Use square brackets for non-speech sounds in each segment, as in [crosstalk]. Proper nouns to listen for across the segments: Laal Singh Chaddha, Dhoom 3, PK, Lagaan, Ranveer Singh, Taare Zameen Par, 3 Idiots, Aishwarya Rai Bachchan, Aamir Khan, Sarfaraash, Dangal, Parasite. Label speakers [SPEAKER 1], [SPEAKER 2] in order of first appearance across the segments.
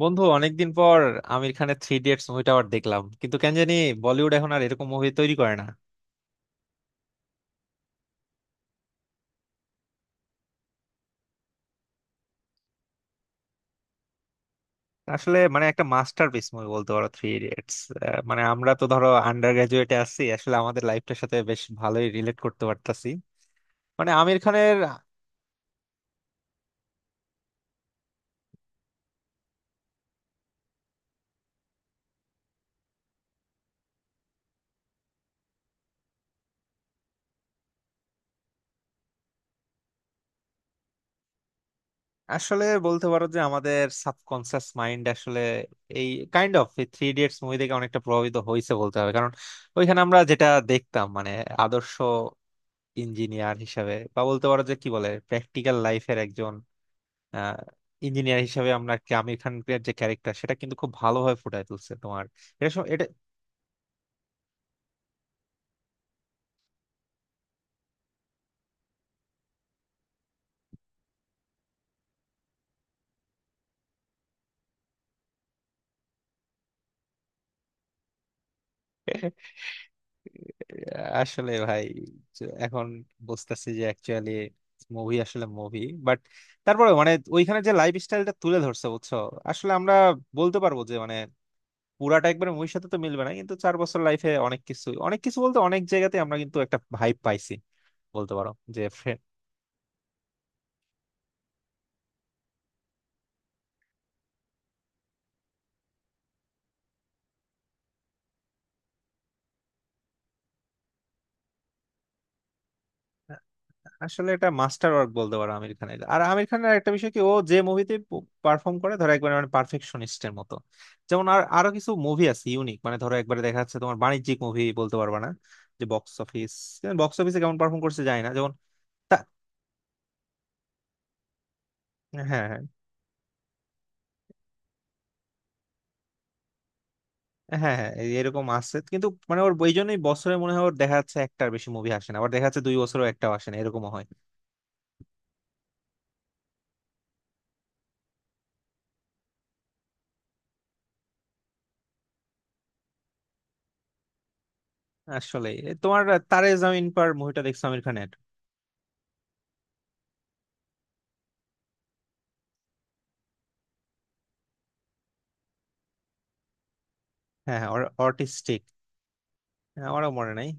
[SPEAKER 1] বন্ধু, অনেকদিন পর আমির খানের থ্রি ইডিয়টস মুভিটা আবার দেখলাম, কিন্তু কেন জানি বলিউড এখন আর এরকম মুভি তৈরি করে না। আসলে মানে একটা মাস্টারপিস মুভি বলতে পারো থ্রি ইডিয়টস। মানে আমরা তো ধরো আন্ডার গ্রাজুয়েটে আছি, আসলে আমাদের লাইফটার সাথে বেশ ভালোই রিলেট করতে পারতাছি মানে আমির খানের। আসলে বলতে পারো যে আমাদের সাবকনসিয়াস মাইন্ড আসলে এই kind of three idiots movie থেকে অনেকটা প্রভাবিত হয়েছে বলতে হবে, কারণ ওইখানে আমরা যেটা দেখতাম মানে আদর্শ ইঞ্জিনিয়ার হিসাবে, বা বলতে পারো যে কি বলে প্র্যাকটিক্যাল লাইফের একজন ইঞ্জিনিয়ার হিসেবে, আমরা কি আমির খানের যে ক্যারেক্টার সেটা কিন্তু খুব ভালোভাবে ফুটায় তুলছে তোমার। এটা আসলে ভাই, যে এখন বুঝতেছি যে অ্যাকচুয়ালি মুভি আসলে মুভি, বাট তারপরে মানে ওইখানে যে লাইফ স্টাইলটা তুলে ধরছে বুঝছো, আসলে আমরা বলতে পারবো যে মানে পুরাটা একবার মুভির সাথে তো মিলবে না, কিন্তু 4 বছর লাইফে অনেক কিছু, অনেক কিছু বলতে অনেক জায়গাতে আমরা কিন্তু একটা ভাইব পাইছি বলতে পারো যে। আসলে এটা মাস্টার ওয়ার্ক বলতে পারো আমির খানের। আর আমির খানের একটা বিষয় কি, ও যে মুভিতে পারফর্ম করে ধরো একবার মানে পারফেকশনিস্টের মতো, যেমন আর আরো কিছু মুভি আছে ইউনিক, মানে ধরো একবারে দেখা যাচ্ছে তোমার বাণিজ্যিক মুভি বলতে পারবা না যে বক্স অফিস, বক্স অফিসে কেমন পারফর্ম করছে যায় না যেমন। তা- হ্যাঁ, হ্যাঁ। হ্যাঁ হ্যাঁ, এরকম আছে, কিন্তু মানে ওর ওই জন্যই বছরে মনে হয় ওর দেখা যাচ্ছে একটার বেশি মুভি আসে না, আবার দেখা যাচ্ছে দুই বছরও একটাও আসে না, এরকমও হয়। আসলে তোমার তারে জামিন পার মুভিটা দেখছো আমির খানের? হ্যাঁ, হ্যাঁ। অর্টিস্টিক। আমারও মনে নাই।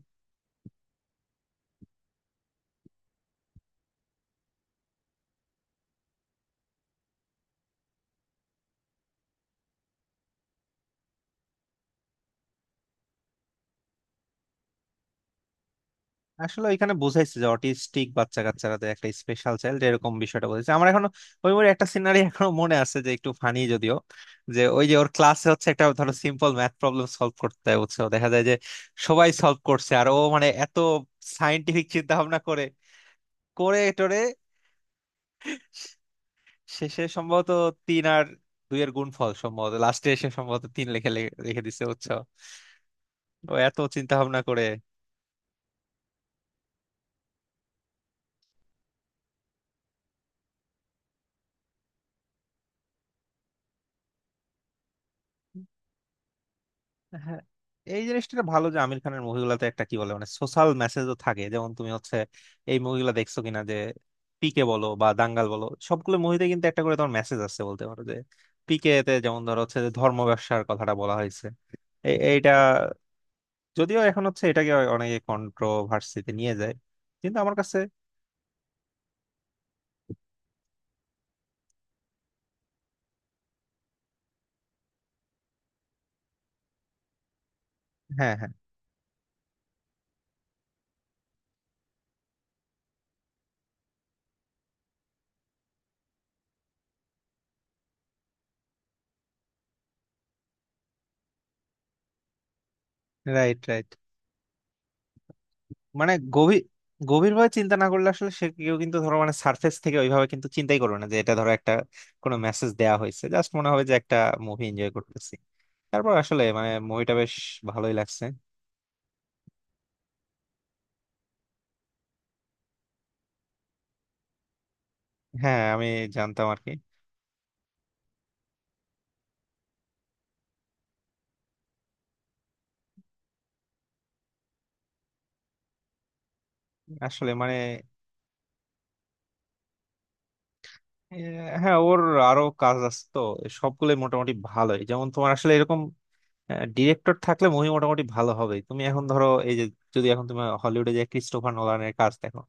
[SPEAKER 1] আসলে এখানে বুঝাইছে যে অটিস্টিক বাচ্চা কাচ্চারা একটা স্পেশাল চাইল্ড, এরকম বিষয়টা বলেছে। আমার এখনো ওই মুভির একটা সিনারি [laughs] এখনো মনে আছে, যে একটু ফানি যদিও, যে ওই যে ওর ক্লাসে হচ্ছে একটা ধরো সিম্পল ম্যাথ প্রবলেম সলভ করতে হয়, বুঝছো, দেখা যায় যে সবাই সলভ করছে, আর ও মানে এত সায়েন্টিফিক চিন্তা ভাবনা করে করে টোরে শেষে সম্ভবত তিন আর দুইয়ের গুণফল সম্ভবত লাস্টে এসে সম্ভবত 3 লিখে দিছে বুঝছো, ও এত চিন্তা ভাবনা করে। হ্যাঁ। এই জিনিসটা ভালো যে আমির খানের মুভিগুলোতে একটা কি বলে মানে সোশ্যাল মেসেজও থাকে, যেমন তুমি হচ্ছে এই মুভিগুলো দেখছো কিনা, যে পিকে বলো বা দাঙ্গাল বলো, সবগুলো মুভিতে কিন্তু একটা করে তোমার মেসেজ আছে বলতে পারো যে। পিকে তে যেমন ধরো হচ্ছে যে ধর্ম ব্যবসার কথাটা বলা হয়েছে। এইটা যদিও এখন হচ্ছে এটাকে অনেকে কন্ট্রোভার্সিতে নিয়ে যায়, কিন্তু আমার কাছে। হ্যাঁ, হ্যাঁ। Right, right. মানে গভীর, গভীরভাবে চিন্তা না করলে আসলে সে কেউ কিন্তু ধরো মানে সার্ফেস থেকে ওইভাবে কিন্তু চিন্তাই করবে না যে এটা ধরো একটা কোনো মেসেজ দেয়া হয়েছে, জাস্ট মনে হবে যে একটা মুভি এনজয় করতেছি। তারপর আসলে মানে মুভিটা বেশ ভালোই লাগছে। হ্যাঁ, আমি জানতাম আর কি। আসলে মানে আহ, হ্যাঁ ওর আরো কাজ আছে তো, সবগুলোই মোটামুটি ভালোই। যেমন তোমার আসলে এরকম ডিরেক্টর থাকলে মুভি মোটামুটি ভালো হবে। তুমি এখন ধরো এই যে, যদি এখন তুমি হলিউডে যে ক্রিস্টোফার নোলানের কাজ দেখো,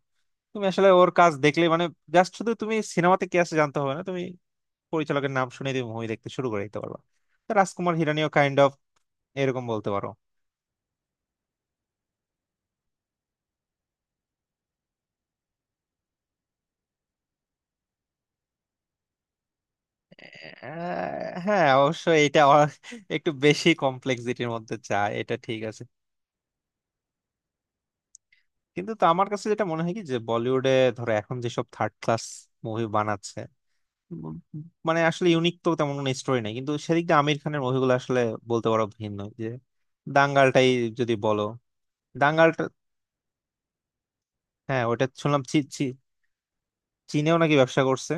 [SPEAKER 1] তুমি আসলে ওর কাজ দেখলে মানে জাস্ট শুধু তুমি সিনেমাতে কি আছে জানতে হবে না, তুমি পরিচালকের নাম শুনে তুমি মুভি দেখতে শুরু করে দিতে পারবা। তো রাজকুমার হিরানিও কাইন্ড অফ এরকম বলতে পারো। আহ, হ্যাঁ, অবশ্য এটা একটু বেশি কমপ্লেক্সিটির মধ্যে যায়, এটা ঠিক আছে। কিন্তু তো আমার কাছে যেটা মনে হয় কি, যে বলিউডে ধরো এখন যেসব থার্ড ক্লাস মুভি বানাচ্ছে, উম, মানে আসলে ইউনিক তো তেমন কোনো স্টোরি নাই, কিন্তু সেদিক দিয়ে আমির খানের মুভিগুলো আসলে বলতে পারো ভিন্ন। যে দাঙ্গালটাই যদি বলো, দাঙ্গাল। হ্যাঁ ওটা শুনলাম। চি চি চীনেও নাকি ব্যবসা করছে।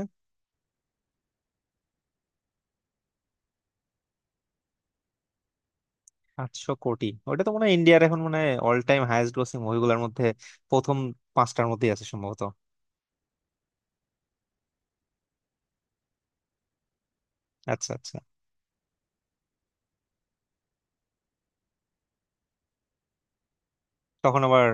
[SPEAKER 1] 800 কোটি, ওটা তো মনে হয় ইন্ডিয়ার এখন মানে অল টাইম হাইয়েস্ট গ্রোসিং মুভিগুলোর মধ্যে প্রথম 5টার মধ্যেই আছে সম্ভবত। আচ্ছা, আচ্ছা। তখন আবার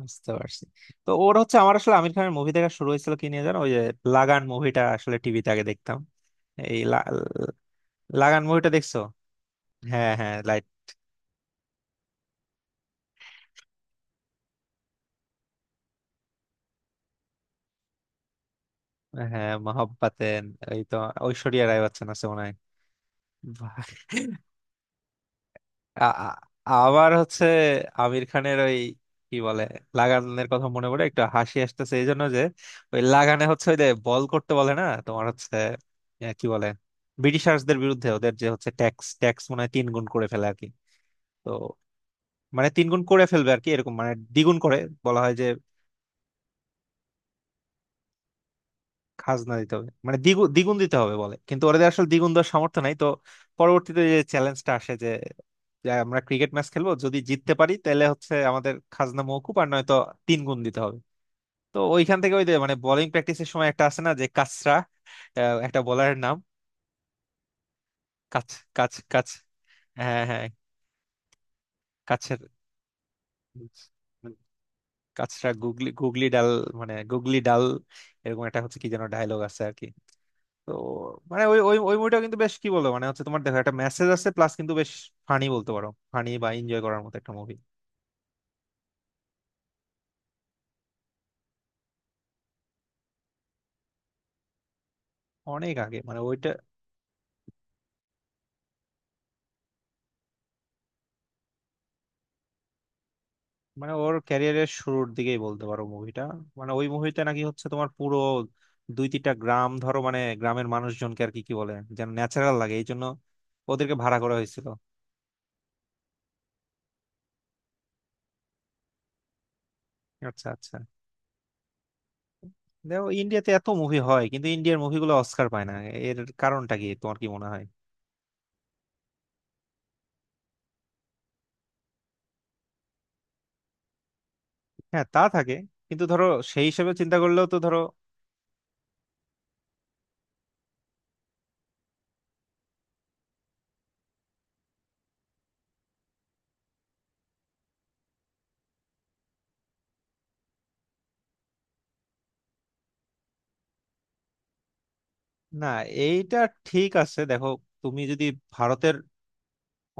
[SPEAKER 1] বুঝতে পারছি। তো ওর হচ্ছে আমার আসলে আমির খানের মুভি দেখা শুরু হয়েছিল কি নিয়ে জানো, ওই যে লাগান মুভিটা আসলে টিভিতে আগে দেখতাম। এই লা- লাগান মুভিটা দেখছো? হ্যাঁ হ্যাঁ, লাইট। হ্যাঁ, মহব্বতেন, এই তো, ঐশ্বরিয়া রায় বচ্চন আছে মনে হয়। আ- আ- আবার হচ্ছে আমির খানের ওই কি বলে লাগানের কথা মনে পড়ে একটু হাসি আসতেছে, এই জন্য যে ওই লাগানে হচ্ছে ওই যে বল করতে বলে না তোমার হচ্ছে, কি বলে, ব্রিটিশার্সদের বিরুদ্ধে ওদের যে হচ্ছে ট্যাক্স ট্যাক্স মনে হয় 3 গুণ করে ফেলে আর কি। তো মানে 3 গুণ করে ফেলবে আর কি, এরকম মানে দ্বিগুণ করে বলা হয় যে খাজনা দিতে হবে, মানে দ্বিগুণ দ্বিগুণ দিতে হবে বলে, কিন্তু ওদের আসলে দ্বিগুণ দেওয়ার সামর্থ্য নাই তো। পরবর্তীতে যে চ্যালেঞ্জটা আসে, যে যে আমরা ক্রিকেট ম্যাচ খেলবো, যদি জিততে পারি তাহলে হচ্ছে আমাদের খাজনা মওকুফ, আর নয়তো 3 গুণ দিতে হবে। তো ওইখান থেকে ওই যে মানে বোলিং প্র্যাকটিসের সময় একটা আছে না, যে কাচরা, একটা বোলারের নাম, কাচ কাচ কাচ হ্যাঁ হ্যাঁ, কাছের, কাচরা গুগলি, গুগলি ডাল, মানে গুগলি ডাল, এরকম একটা হচ্ছে কি যেন ডায়লগ আছে আর কি। তো মানে ওই ওই ওই মুভিটা কিন্তু বেশ, কি বলবো, মানে হচ্ছে তোমার দেখো একটা মেসেজ আছে প্লাস কিন্তু বেশ ফানি বলতে পারো, ফানি বা এনজয় করার মতো একটা মুভি। অনেক আগে মানে ওইটা, মানে ওর ক্যারিয়ারের শুরুর দিকেই বলতে পারো মুভিটা। মানে ওই মুভিতে নাকি হচ্ছে তোমার পুরো 2-3টা গ্রাম ধরো মানে গ্রামের মানুষজনকে আর কি, কি বলে যেন ন্যাচারাল লাগে এই জন্য ওদেরকে ভাড়া করা হয়েছিল। আচ্ছা, আচ্ছা। দেখো ইন্ডিয়াতে এত মুভি হয়, কিন্তু ইন্ডিয়ার মুভিগুলো অস্কার পায় না, এর কারণটা কি তোমার কি মনে হয়? হ্যাঁ তা থাকে, কিন্তু ধরো সেই হিসেবে চিন্তা করলেও তো। না, এইটা ঠিক আছে, দেখো, তুমি যদি ভারতের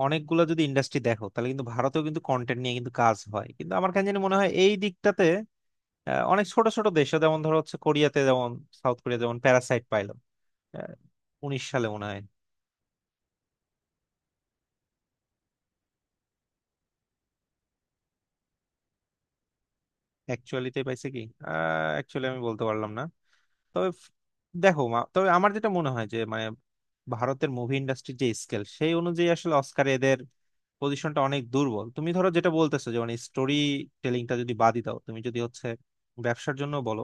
[SPEAKER 1] অনেকগুলো যদি ইন্ডাস্ট্রি দেখো, তাহলে কিন্তু ভারতেও কিন্তু কন্টেন্ট নিয়ে কিন্তু কাজ হয়, কিন্তু আমার কাছে জানি মনে হয় এই দিকটাতে অনেক ছোট ছোট দেশে যেমন ধরো হচ্ছে কোরিয়াতে যেমন সাউথ কোরিয়া যেমন প্যারাসাইট পাইলো, আহ, '19 সালে মনে হয়। অ্যাকচুয়ালিতে পাইছে কি? অ্যাকচুয়ালি আমি বলতে পারলাম না। তবে ফ- তবে আমার যেটা মনে হয় যে মানে ভারতের মুভি ইন্ডাস্ট্রির যে স্কেল সেই অনুযায়ী আসলে অস্কারে এদের পজিশনটা অনেক দুর্বল। তুমি ধরো যেটা বলতেছো যে মানে স্টোরি টেলিংটা যদি বাদই দাও, তুমি যদি হচ্ছে ব্যবসার জন্য বলো,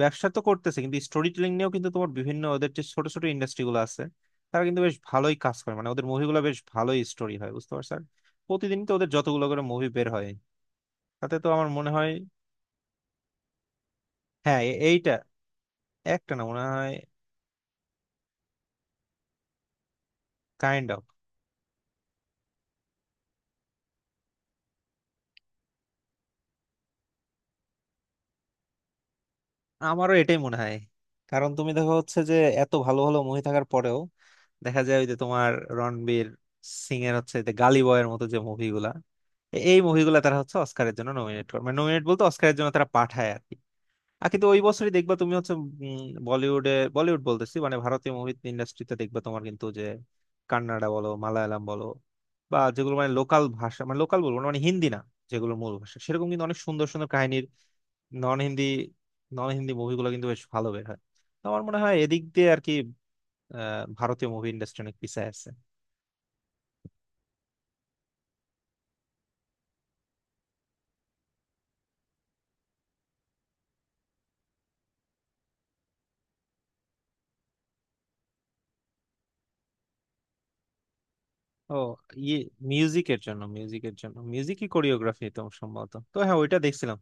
[SPEAKER 1] ব্যবসা তো করতেছে, কিন্তু স্টোরি টেলিং নিয়েও কিন্তু তোমার বিভিন্ন ওদের যে ছোট ছোট ইন্ডাস্ট্রি গুলো আছে, তারা কিন্তু বেশ ভালোই কাজ করে, মানে ওদের মুভিগুলো বেশ ভালোই স্টোরি হয়, বুঝতে পারছো। আর প্রতিদিন তো ওদের যতগুলো করে মুভি বের হয়, তাতে তো আমার মনে হয়। হ্যাঁ, এইটা একটা না মনে হয়। কাইন্ড অফ, আমারও এটাই মনে হয়, কারণ তুমি দেখো হচ্ছে যে এত ভালো ভালো মুভি থাকার পরেও দেখা যায় ওই যে তোমার রণবীর সিং এর হচ্ছে যে গালি বয়ের মতো যে মুভিগুলা, এই মুভিগুলা তারা হচ্ছে অস্কারের জন্য নমিনেট করে, মানে নমিনেট বলতে অস্কারের জন্য তারা পাঠায় আর কি। আর কিন্তু ওই বছরই দেখবা তুমি হচ্ছে বলিউডে, বলিউড বলতেছি মানে ভারতীয় মুভি ইন্ডাস্ট্রিতে দেখবা তোমার কিন্তু যে কান্নাডা বলো, মালায়ালাম বলো, বা যেগুলো মানে লোকাল ভাষা মানে লোকাল বলবো না, মানে হিন্দি না, যেগুলো মূল ভাষা সেরকম কিন্তু অনেক সুন্দর সুন্দর কাহিনীর। নন হিন্দি, নন হিন্দি মুভিগুলো কিন্তু বেশ ভালো বের হয়। তো আমার মনে হয় এদিক দিয়ে আর কি ভারতীয় মুভি ইন্ডাস্ট্রি অনেক পিছায় আছে। ও ইয়ে, মিউজিকের জন্য মিউজিকই কোরিওগ্রাফি তো সম্ভবত, তো হ্যাঁ ওইটা দেখছিলাম।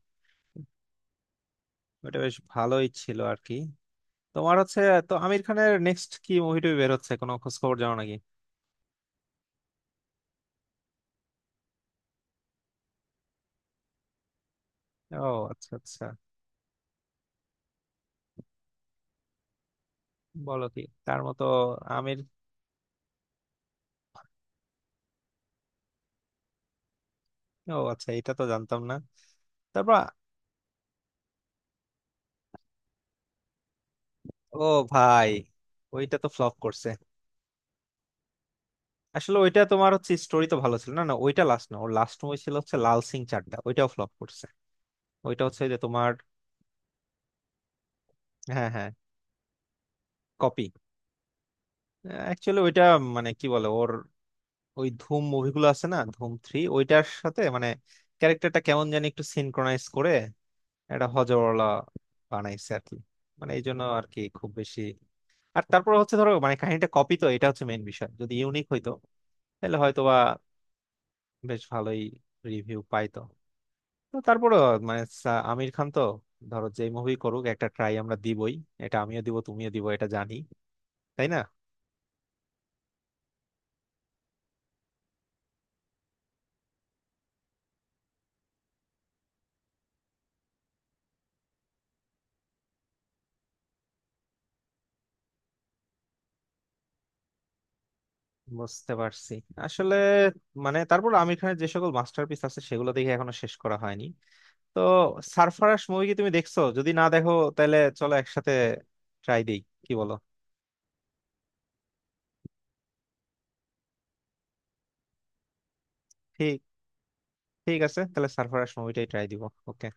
[SPEAKER 1] ওইটা বেশ ভালোই ছিল আর কি। তোমার হচ্ছে, তো আমির খানের নেক্সট কি মুভিটা বের হচ্ছে কোনো খোঁজ খবর জানো নাকি? ও আচ্ছা, আচ্ছা। বলো কি। তার মতো আমির। ও আচ্ছা, এটা তো জানতাম না। তারপর। ও ভাই, ওইটা তো ফ্লপ করছে। আসলে ওইটা তোমার হচ্ছে স্টোরি তো ভালো ছিল না। না ওইটা লাস্ট না, ওর লাস্ট মুভি ছিল হচ্ছে লাল সিং চাড্ডা, ওইটাও ফ্লপ করছে। ওইটা হচ্ছে যে তোমার, হ্যাঁ হ্যাঁ, কপি। অ্যাকচুয়ালি ওইটা মানে কি বলে ওর ওই ধুম মুভিগুলো আছে না, ধুম থ্রি, ওইটার সাথে মানে ক্যারেক্টারটা কেমন জানি একটু সিনক্রোনাইজ করে একটা হজরওয়ালা বানাইছে আর কি, মানে এই জন্য আর কি খুব বেশি। আর তারপর হচ্ছে ধরো মানে কাহিনীটা কপি, তো এটা হচ্ছে মেইন বিষয়। যদি ইউনিক হইতো, তাহলে হয়তো বা বেশ ভালোই রিভিউ পাইতো। তো তারপরে মানে আমির খান তো ধরো যেই মুভি করুক, একটা ট্রাই আমরা দিবই, এটা আমিও দিব তুমিও দিব, এটা জানি। তাই না? বুঝতে পারছি। আসলে মানে তারপর আমির খানের যে সকল মাস্টারপিস আছে সেগুলো দেখে এখনো শেষ করা হয়নি। তো সারফারাশ মুভি কি তুমি দেখছো? যদি না দেখো, তাহলে চলো একসাথে ট্রাই দিই, কি বলো? ঠিক, ঠিক আছে তাহলে সারফারাশ মুভিটাই ট্রাই দিব। ওকে।